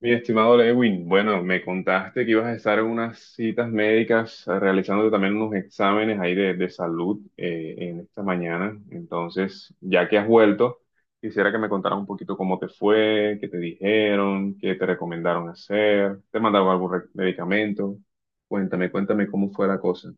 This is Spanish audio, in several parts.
Mi estimado Lewin, bueno, me contaste que ibas a estar en unas citas médicas, realizándote también unos exámenes ahí de salud en esta mañana. Entonces, ya que has vuelto, quisiera que me contaras un poquito cómo te fue, qué te dijeron, qué te recomendaron hacer, te mandaron algún medicamento. Cuéntame, cuéntame cómo fue la cosa.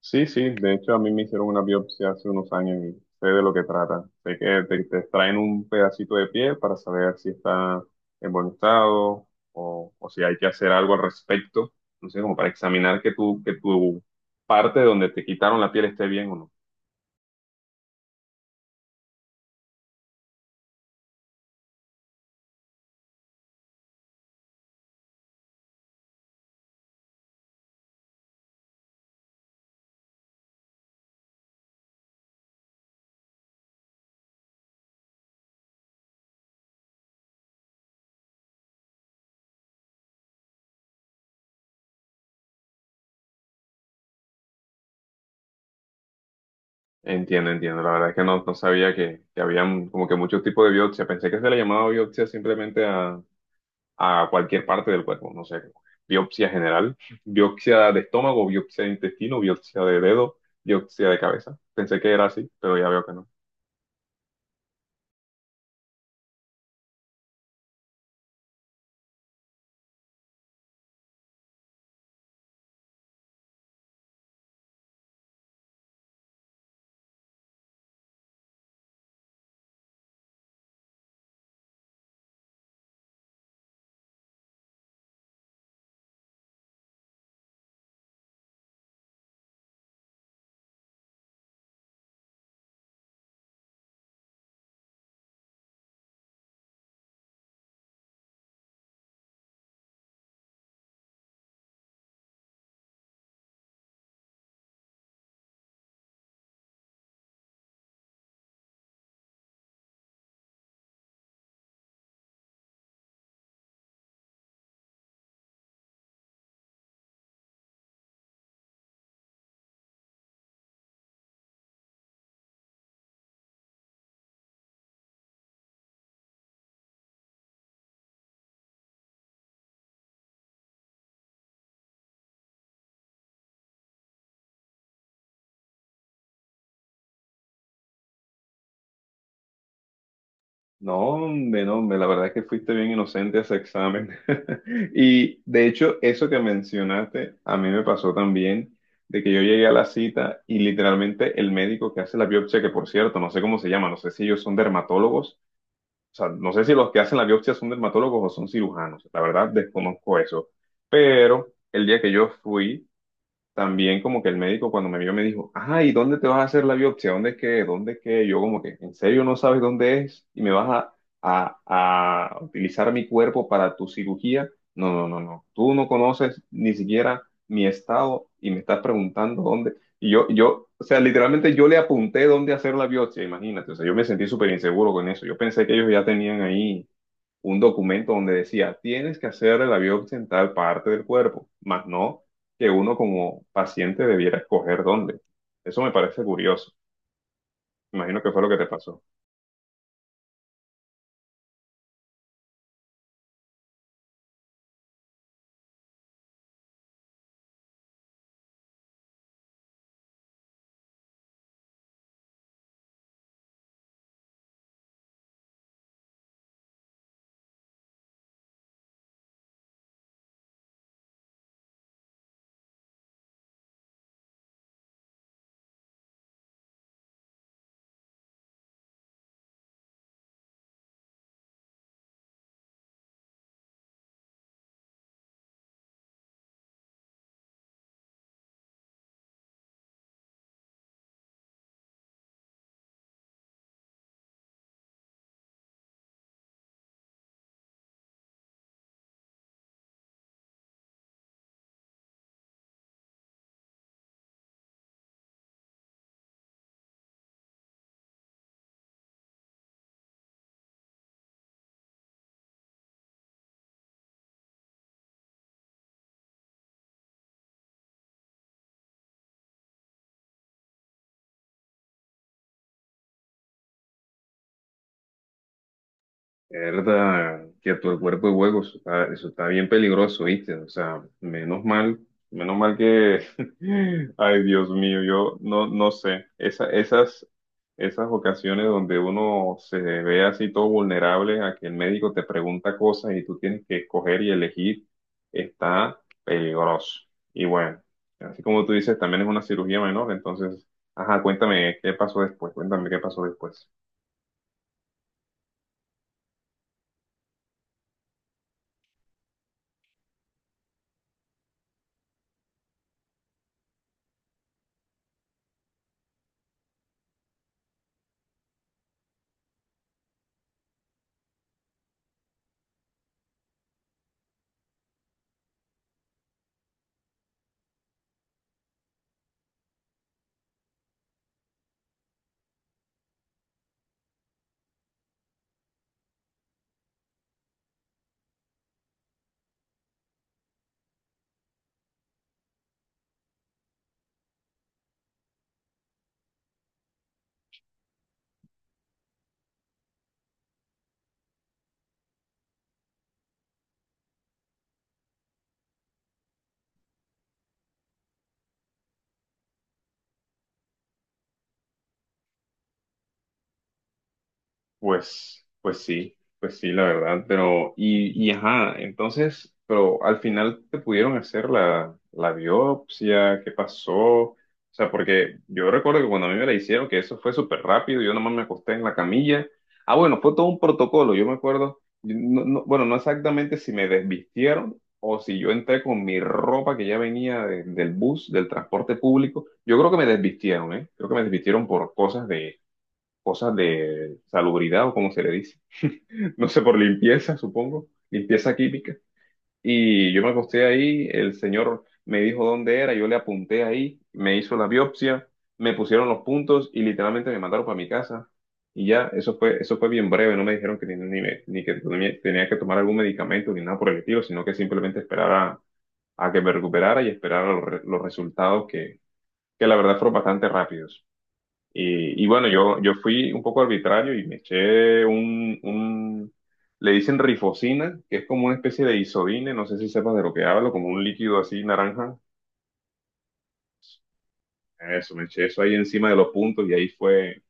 Sí, sí, de hecho a mí me hicieron una biopsia hace unos años y sé de lo que trata. Sé que te extraen un pedacito de piel para saber si está en buen estado o si hay que hacer algo al respecto. No sé, como para examinar que tu parte donde te quitaron la piel esté bien o no. Entiendo, entiendo. La verdad es que no sabía que habían como que muchos tipos de biopsia. Pensé que se le llamaba biopsia simplemente a cualquier parte del cuerpo, no sé, biopsia general, biopsia de estómago, biopsia de intestino, biopsia de dedo, biopsia de cabeza. Pensé que era así, pero ya veo que no. No, hombre, no, hombre, la verdad es que fuiste bien inocente a ese examen. Y de hecho, eso que mencionaste, a mí me pasó también, de que yo llegué a la cita y literalmente el médico que hace la biopsia, que por cierto, no sé cómo se llama, no sé si ellos son dermatólogos. O sea, no sé si los que hacen la biopsia son dermatólogos o son cirujanos. La verdad, desconozco eso. Pero el día que yo fui, también como que el médico cuando me vio me dijo, ajá, ¿y dónde te vas a hacer la biopsia? ¿Dónde es que? ¿Dónde es que? Yo como que, ¿en serio no sabes dónde es? ¿Y me vas a utilizar mi cuerpo para tu cirugía? No, no, no, no. Tú no conoces ni siquiera mi estado y me estás preguntando dónde. Y o sea, literalmente yo le apunté dónde hacer la biopsia, imagínate. O sea, yo me sentí súper inseguro con eso. Yo pensé que ellos ya tenían ahí un documento donde decía, tienes que hacer la biopsia en tal parte del cuerpo, más no que uno como paciente debiera escoger dónde. Eso me parece curioso. Imagino que fue lo que te pasó. Verdad, que todo el cuerpo de hueco, eso está bien peligroso, ¿viste? O sea, menos mal que, ay Dios mío, yo no, no sé. Esas, esas ocasiones donde uno se ve así todo vulnerable a que el médico te pregunta cosas y tú tienes que escoger y elegir, está peligroso. Y bueno, así como tú dices, también es una cirugía menor, entonces, ajá, cuéntame qué pasó después, cuéntame qué pasó después. Pues, pues sí, la verdad, pero, y ajá, entonces, pero al final te pudieron hacer la biopsia, ¿qué pasó? O sea, porque yo recuerdo que cuando a mí me la hicieron, que eso fue súper rápido, yo nomás me acosté en la camilla. Ah, bueno, fue todo un protocolo, yo me acuerdo, yo no- no- bueno, no exactamente si me desvistieron o si yo entré con mi ropa que ya venía del bus, del transporte público. Yo creo que me desvistieron, ¿eh? Creo que me desvistieron por cosas de salubridad o como se le dice, no sé, por limpieza, supongo, limpieza química. Y yo me acosté ahí, el señor me dijo dónde era, yo le apunté ahí, me hizo la biopsia, me pusieron los puntos y literalmente me mandaron para mi casa. Y ya, eso fue bien breve, no me dijeron que ni que tenía que tomar algún medicamento ni nada por el estilo, sino que simplemente esperara que me recuperara y esperara los, los resultados que la verdad fueron bastante rápidos. Y bueno, yo fui un poco arbitrario y me eché le dicen rifocina, que es como una especie de isodine, no sé si sepas de lo que hablo, como un líquido así naranja. Eso, me eché eso ahí encima de los puntos y ahí fue,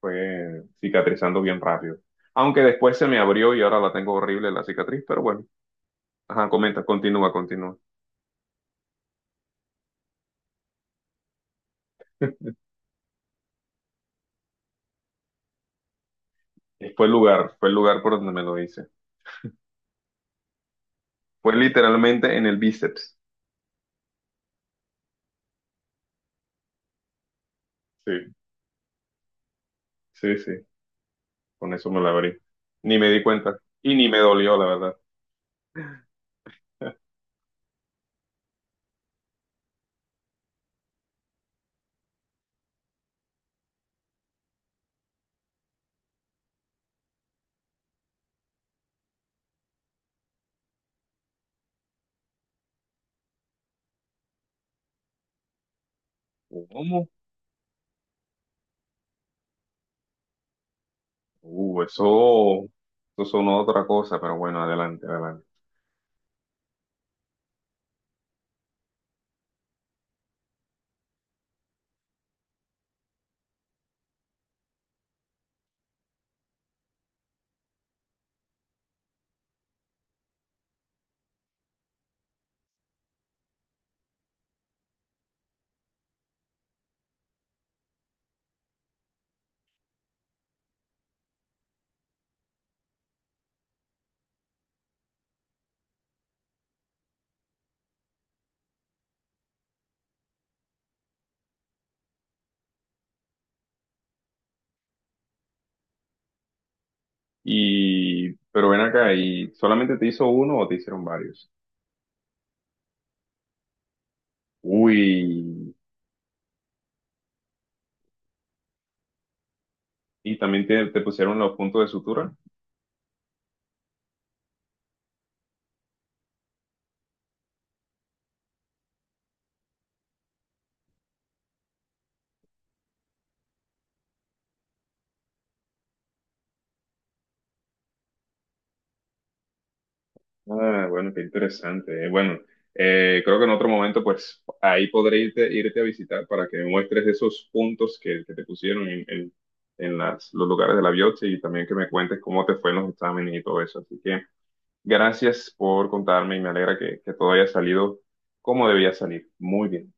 fue cicatrizando bien rápido. Aunque después se me abrió y ahora la tengo horrible la cicatriz, pero bueno, ajá, comenta, continúa, continúa. Fue el lugar por donde me lo hice. Fue literalmente en el bíceps. Sí, sí, sí. Con eso me la abrí. Ni me di cuenta. Y ni me dolió, la verdad. ¿Cómo? Eso, eso sonó otra cosa, pero bueno, adelante, adelante. Y, pero ven acá, ¿y solamente te hizo uno o te hicieron varios? Uy, ¿y también te pusieron los puntos de sutura? Ah, bueno, qué interesante. Bueno, creo que en otro momento, pues ahí podré irte, irte a visitar para que me muestres esos puntos que te pusieron en las, los lugares de la biopsia y también que me cuentes cómo te fue en los exámenes y todo eso. Así que gracias por contarme y me alegra que todo haya salido como debía salir. Muy bien.